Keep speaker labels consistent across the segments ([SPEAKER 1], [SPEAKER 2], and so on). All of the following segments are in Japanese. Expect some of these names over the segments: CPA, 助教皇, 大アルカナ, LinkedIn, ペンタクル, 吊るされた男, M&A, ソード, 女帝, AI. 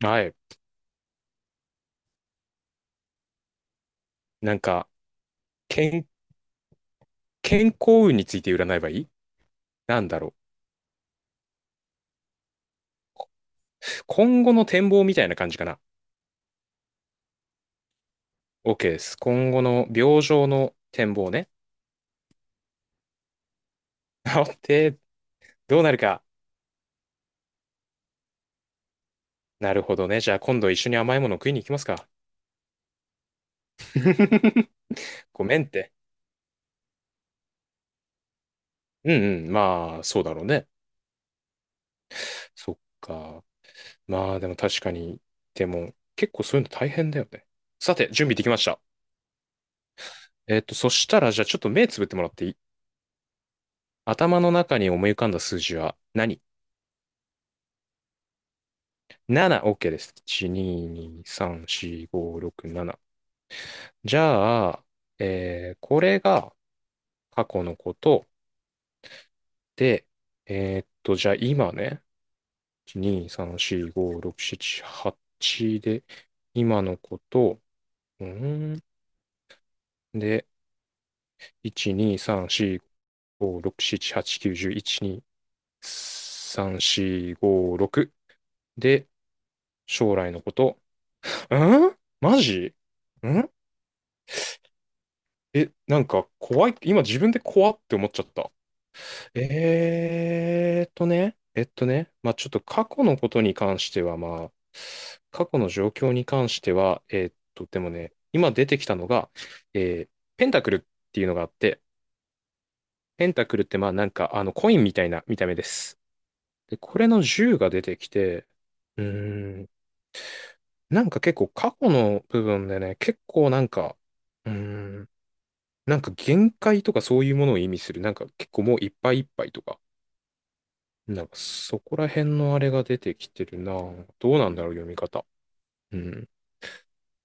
[SPEAKER 1] はい。なんか、健、健康運について占えばいい？なんだろう。今後の展望みたいな感じかな。OK です。今後の病状の展望ね。治ってどうなるか。なるほどね。じゃあ今度一緒に甘いもの食いに行きますか？ごめんって。うんうん。まあ、そうだろうね。そっか。まあ、でも確かに。でも、結構そういうの大変だよね。さて、準備できました。そしたら、じゃあちょっと目つぶってもらっていい？頭の中に思い浮かんだ数字は何？7、OK です。1、2、2、3、4、5、6、7。じゃあ、これが過去のことで、じゃあ今ね、1、2、3、4、5、6、7、8で、今のこと、うーん、で、1、2、3、4、5、6、7、8、9、10、1、2、3、4、5、6で、将来のこと、うんマジん。え、なんか怖い、今自分で怖って思っちゃった。ね、えっとね、まあちょっと過去のことに関しては、まあ過去の状況に関しては、でもね、今出てきたのが、えーペンタクルっていうのがあって、ペンタクルってまあなんかあのコインみたいな見た目です。で、これの銃が出てきて、うーん、なんか結構過去の部分でね、結構なんか、うーん、なんか限界とかそういうものを意味する、なんか結構もういっぱいいっぱいとか、なんかそこら辺のあれが出てきてるな。どうなんだろう、読み方。うん。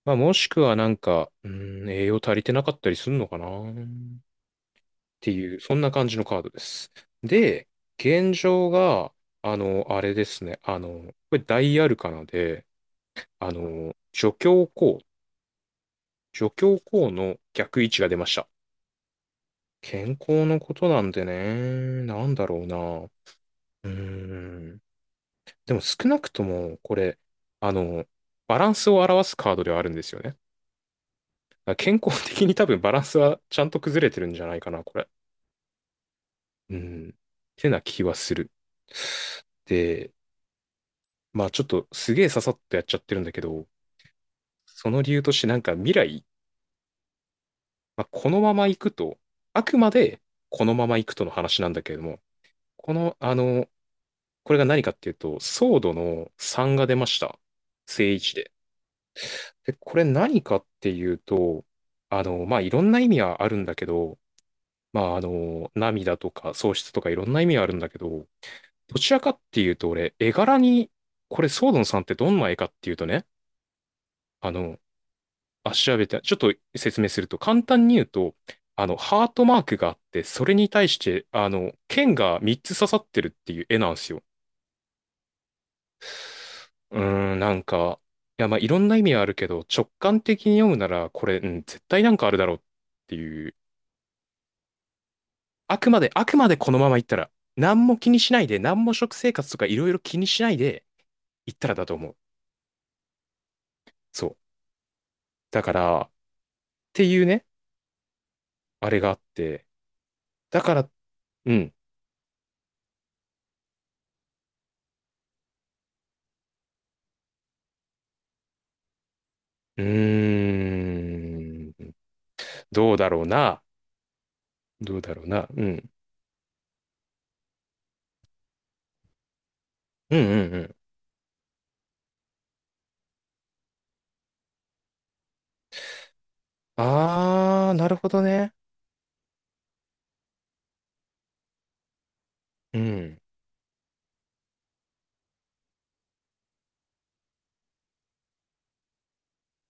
[SPEAKER 1] まあ、もしくはなんか、うん、栄養足りてなかったりするのかなっていう、そんな感じのカードです。で、現状が、あの、あれですね。あの、これ大アルカナで、あの、助教皇、助教皇の逆位置が出ました。健康のことなんでね、なんだろうな。うーん。でも少なくとも、これ、あの、バランスを表すカードではあるんですよね。だから健康的に多分バランスはちゃんと崩れてるんじゃないかな、これ。うん。ってな気はする。で、まあちょっとすげえささっとやっちゃってるんだけど、その理由としてなんか未来、まあ、このまま行くと、あくまでこのまま行くとの話なんだけれども、この、あの、これが何かっていうと、ソードの3が出ました。正位置で。で、これ何かっていうと、あの、まあ、いろんな意味はあるんだけど、まあ、あの、涙とか喪失とかいろんな意味はあるんだけど、どちらかっていうと、俺、絵柄に、これ、ソードンさんってどんな絵かっていうとね、あの、あ、調べて、ちょっと説明すると、簡単に言うと、あの、ハートマークがあって、それに対して、あの、剣が3つ刺さってるっていう絵なんですよ。うーん、なんか、いや、まあ、いろんな意味はあるけど、直感的に読むなら、これ、うん、絶対なんかあるだろうっていう。あくまで、あくまでこのまま行ったら、何も気にしないで、何も食生活とかいろいろ気にしないで行ったらだと思う。そう。だから、っていうね、あれがあって。だから、うん。うーん。どうだろうな。どうだろうな。うん。うんうんうん。あー、なるほどね。うん。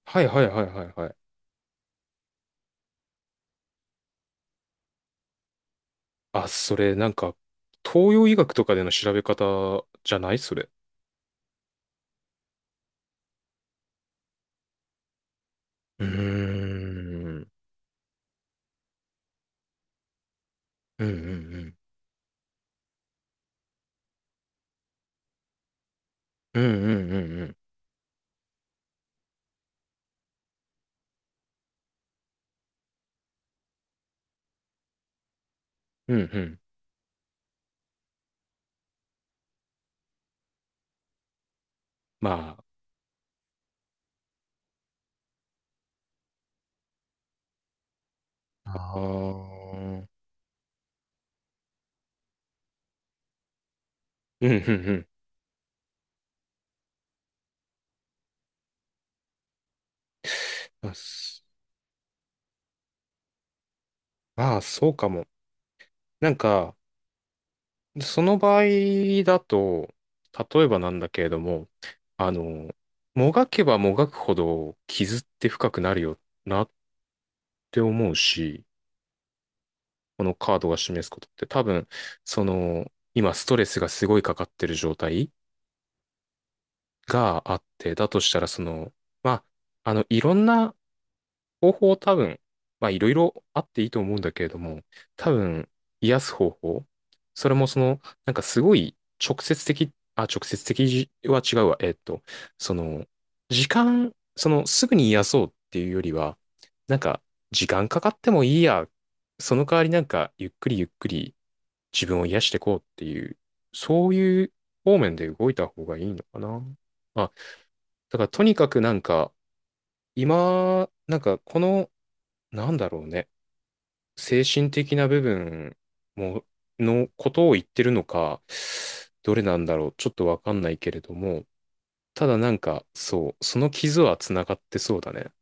[SPEAKER 1] はいはいはいはいはい。あ、それなんか、東洋医学とかでの調べ方じゃないそれ？うーん。うんうんうん。うんうんうんうん。うんうん。まあ、ああー。うん、うん、うん。まあ、す。まあーそうかも。なんか、その場合だと、例えばなんだけれども、あの、もがけばもがくほど傷って深くなるよなって思うし、このカードが示すことって多分、その、今ストレスがすごいかかってる状態があって、だとしたらその、まあ、あの、いろんな方法多分、まあいろいろあっていいと思うんだけれども、多分、癒す方法、それもその、なんかすごい直接的、あ、直接的は違うわ。その、時間、その、すぐに癒そうっていうよりは、なんか、時間かかってもいいや。その代わりなんか、ゆっくりゆっくり自分を癒していこうっていう、そういう方面で動いた方がいいのかな。あ、だからとにかくなんか、今、なんかこのなんだろうね。精神的な部分も、のことを言ってるのか、どれなんだろう。ちょっとわかんないけれども、ただなんか、そう、その傷は繋がってそうだね。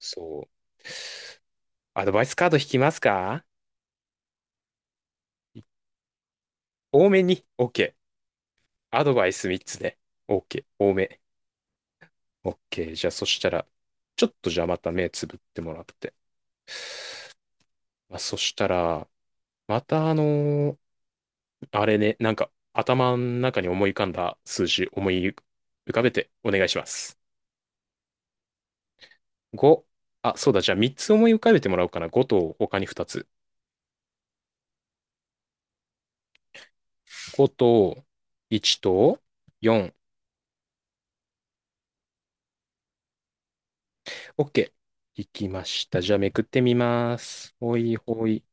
[SPEAKER 1] そう。アドバイスカード引きますか？多めに。OK。アドバイス3つね。OK。多め。OK。じゃあそしたら、ちょっとじゃあまた目つぶってもらって。まあ、そしたら、またあれね、なんか頭の中に思い浮かんだ数字思い浮かべてお願いします。5、あ、そうだ、じゃあ3つ思い浮かべてもらおうかな。5と他に2つ。5と1と4。OK。いきました。じゃあめくってみます。ほいほい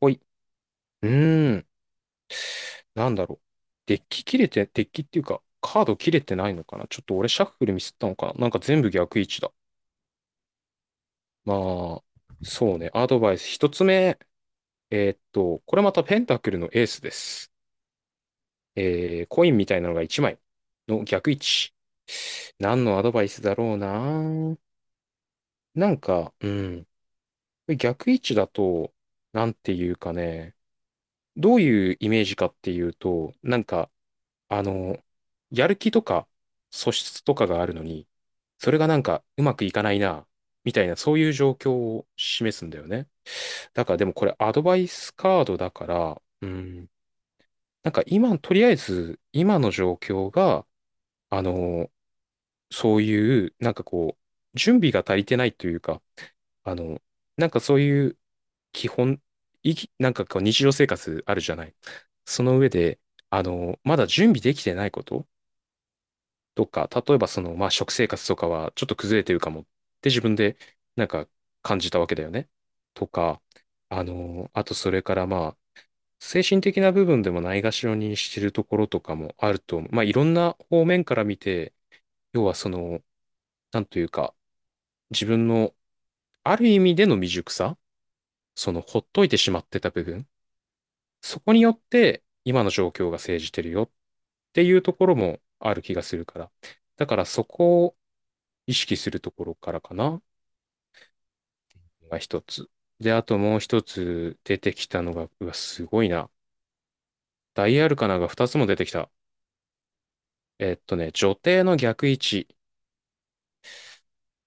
[SPEAKER 1] ほい。うーん、なんだろう。デッキ切れて、デッキっていうか、カード切れてないのかな。ちょっと俺シャッフルミスったのかな。なんか全部逆位置だ。まあ、そうね。アドバイス。1つ目。これまたペンタクルのエースです。えー、コインみたいなのが1枚の逆位置。何のアドバイスだろうな。なんか、うん。逆位置だと、なんていうかね、どういうイメージかっていうと、なんか、あの、やる気とか素質とかがあるのに、それがなんかうまくいかないな、みたいな、そういう状況を示すんだよね。だからでもこれアドバイスカードだから、うん。なんか今、とりあえず、今の状況が、あの、そういう、なんかこう、準備が足りてないというか、あの、なんかそういう基本、いき、なんかこう日常生活あるじゃない。その上で、あの、まだ準備できてないこととか、例えばその、まあ、食生活とかはちょっと崩れてるかもって自分で、なんか感じたわけだよね。とか、あの、あとそれからまあ、精神的な部分でもないがしろにしてるところとかもあると思う。まあ、いろんな方面から見て、要はその、なんというか、自分のある意味での未熟さ、その、ほっといてしまってた部分、そこによって、今の状況が生じてるよっていうところもある気がするから。だからそこを意識するところからかな、が一つ。で、あともう一つ出てきたのが、うわ、すごいな。ダイアルカナが二つも出てきた。女帝の逆位置。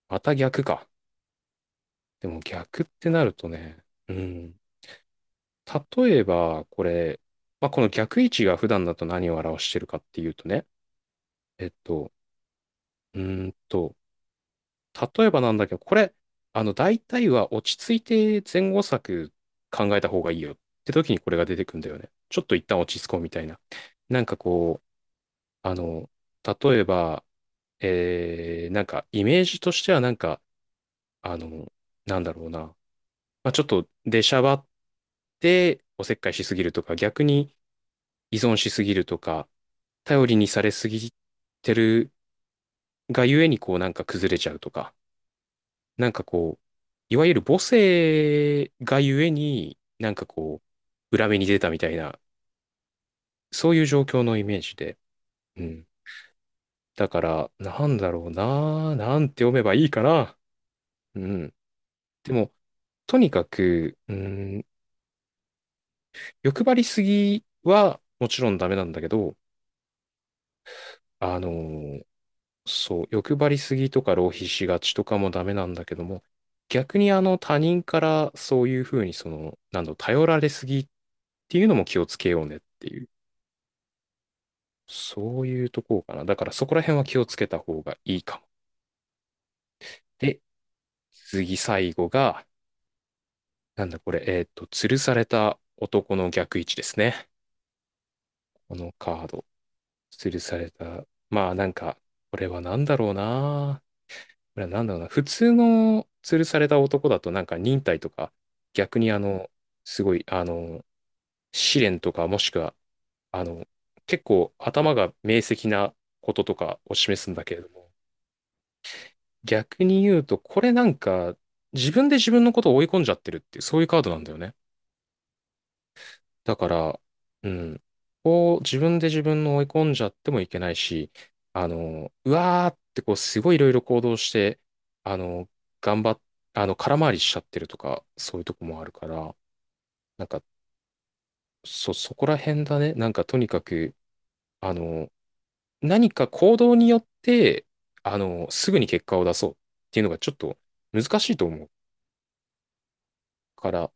[SPEAKER 1] また逆か。でも逆ってなるとね、うん。例えば、これ、まあ、この逆位置が普段だと何を表してるかっていうとね、えっと、うーんと、例えばなんだけど、これ、あの、大体は落ち着いて前後策考えた方がいいよって時にこれが出てくんだよね。ちょっと一旦落ち着こうみたいな。なんかこう、あの、例えば、なんかイメージとしてはなんか、あの、なんだろうな。まあ、ちょっと出しゃばっておせっかいしすぎるとか、逆に依存しすぎるとか、頼りにされすぎてるがゆえにこうなんか崩れちゃうとか、なんかこう、いわゆる母性がゆえになんかこう、裏目に出たみたいな、そういう状況のイメージで。うん。だから、なんだろうな、なんて読めばいいかな。うん。でも、とにかく、うん、欲張りすぎはもちろんダメなんだけど、あのーそう、欲張りすぎとか浪費しがちとかもダメなんだけども、逆にあの他人からそういうふうにその、なんだろう、頼られすぎっていうのも気をつけようねっていう、そういうとこかな。だからそこら辺は気をつけた方がいいかも。で、次最後が、なんだこれ、吊るされた男の逆位置ですね。このカード。吊るされた。まあなんか、これはなんだろうな。なんだろうな、普通の吊るされた男だとなんか忍耐とか、逆にあの、すごい、あの、試練とかもしくは、あの、結構頭が明晰なこととかを示すんだけれども、逆に言うと、これなんか自分で自分のことを追い込んじゃってるっていう、そういうカードなんだよね。だから、うん、こう自分で自分の追い込んじゃってもいけないし、あの、うわーってこうすごいいろいろ行動して、あの、頑張っ、あの、空回りしちゃってるとか、そういうとこもあるから、なんか、そこら辺だね。なんかとにかく、あの、何か行動によって、あの、すぐに結果を出そうっていうのがちょっと難しいと思うから、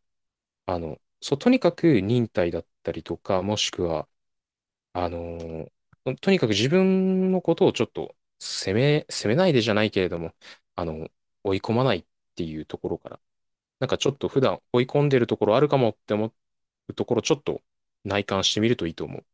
[SPEAKER 1] あの、そう、とにかく忍耐だったりとか、もしくは、あのーとにかく自分のことをちょっと責めないでじゃないけれども、あの、追い込まないっていうところから、なんかちょっと普段追い込んでるところあるかもって思うところ、ちょっと内観してみるといいと思う。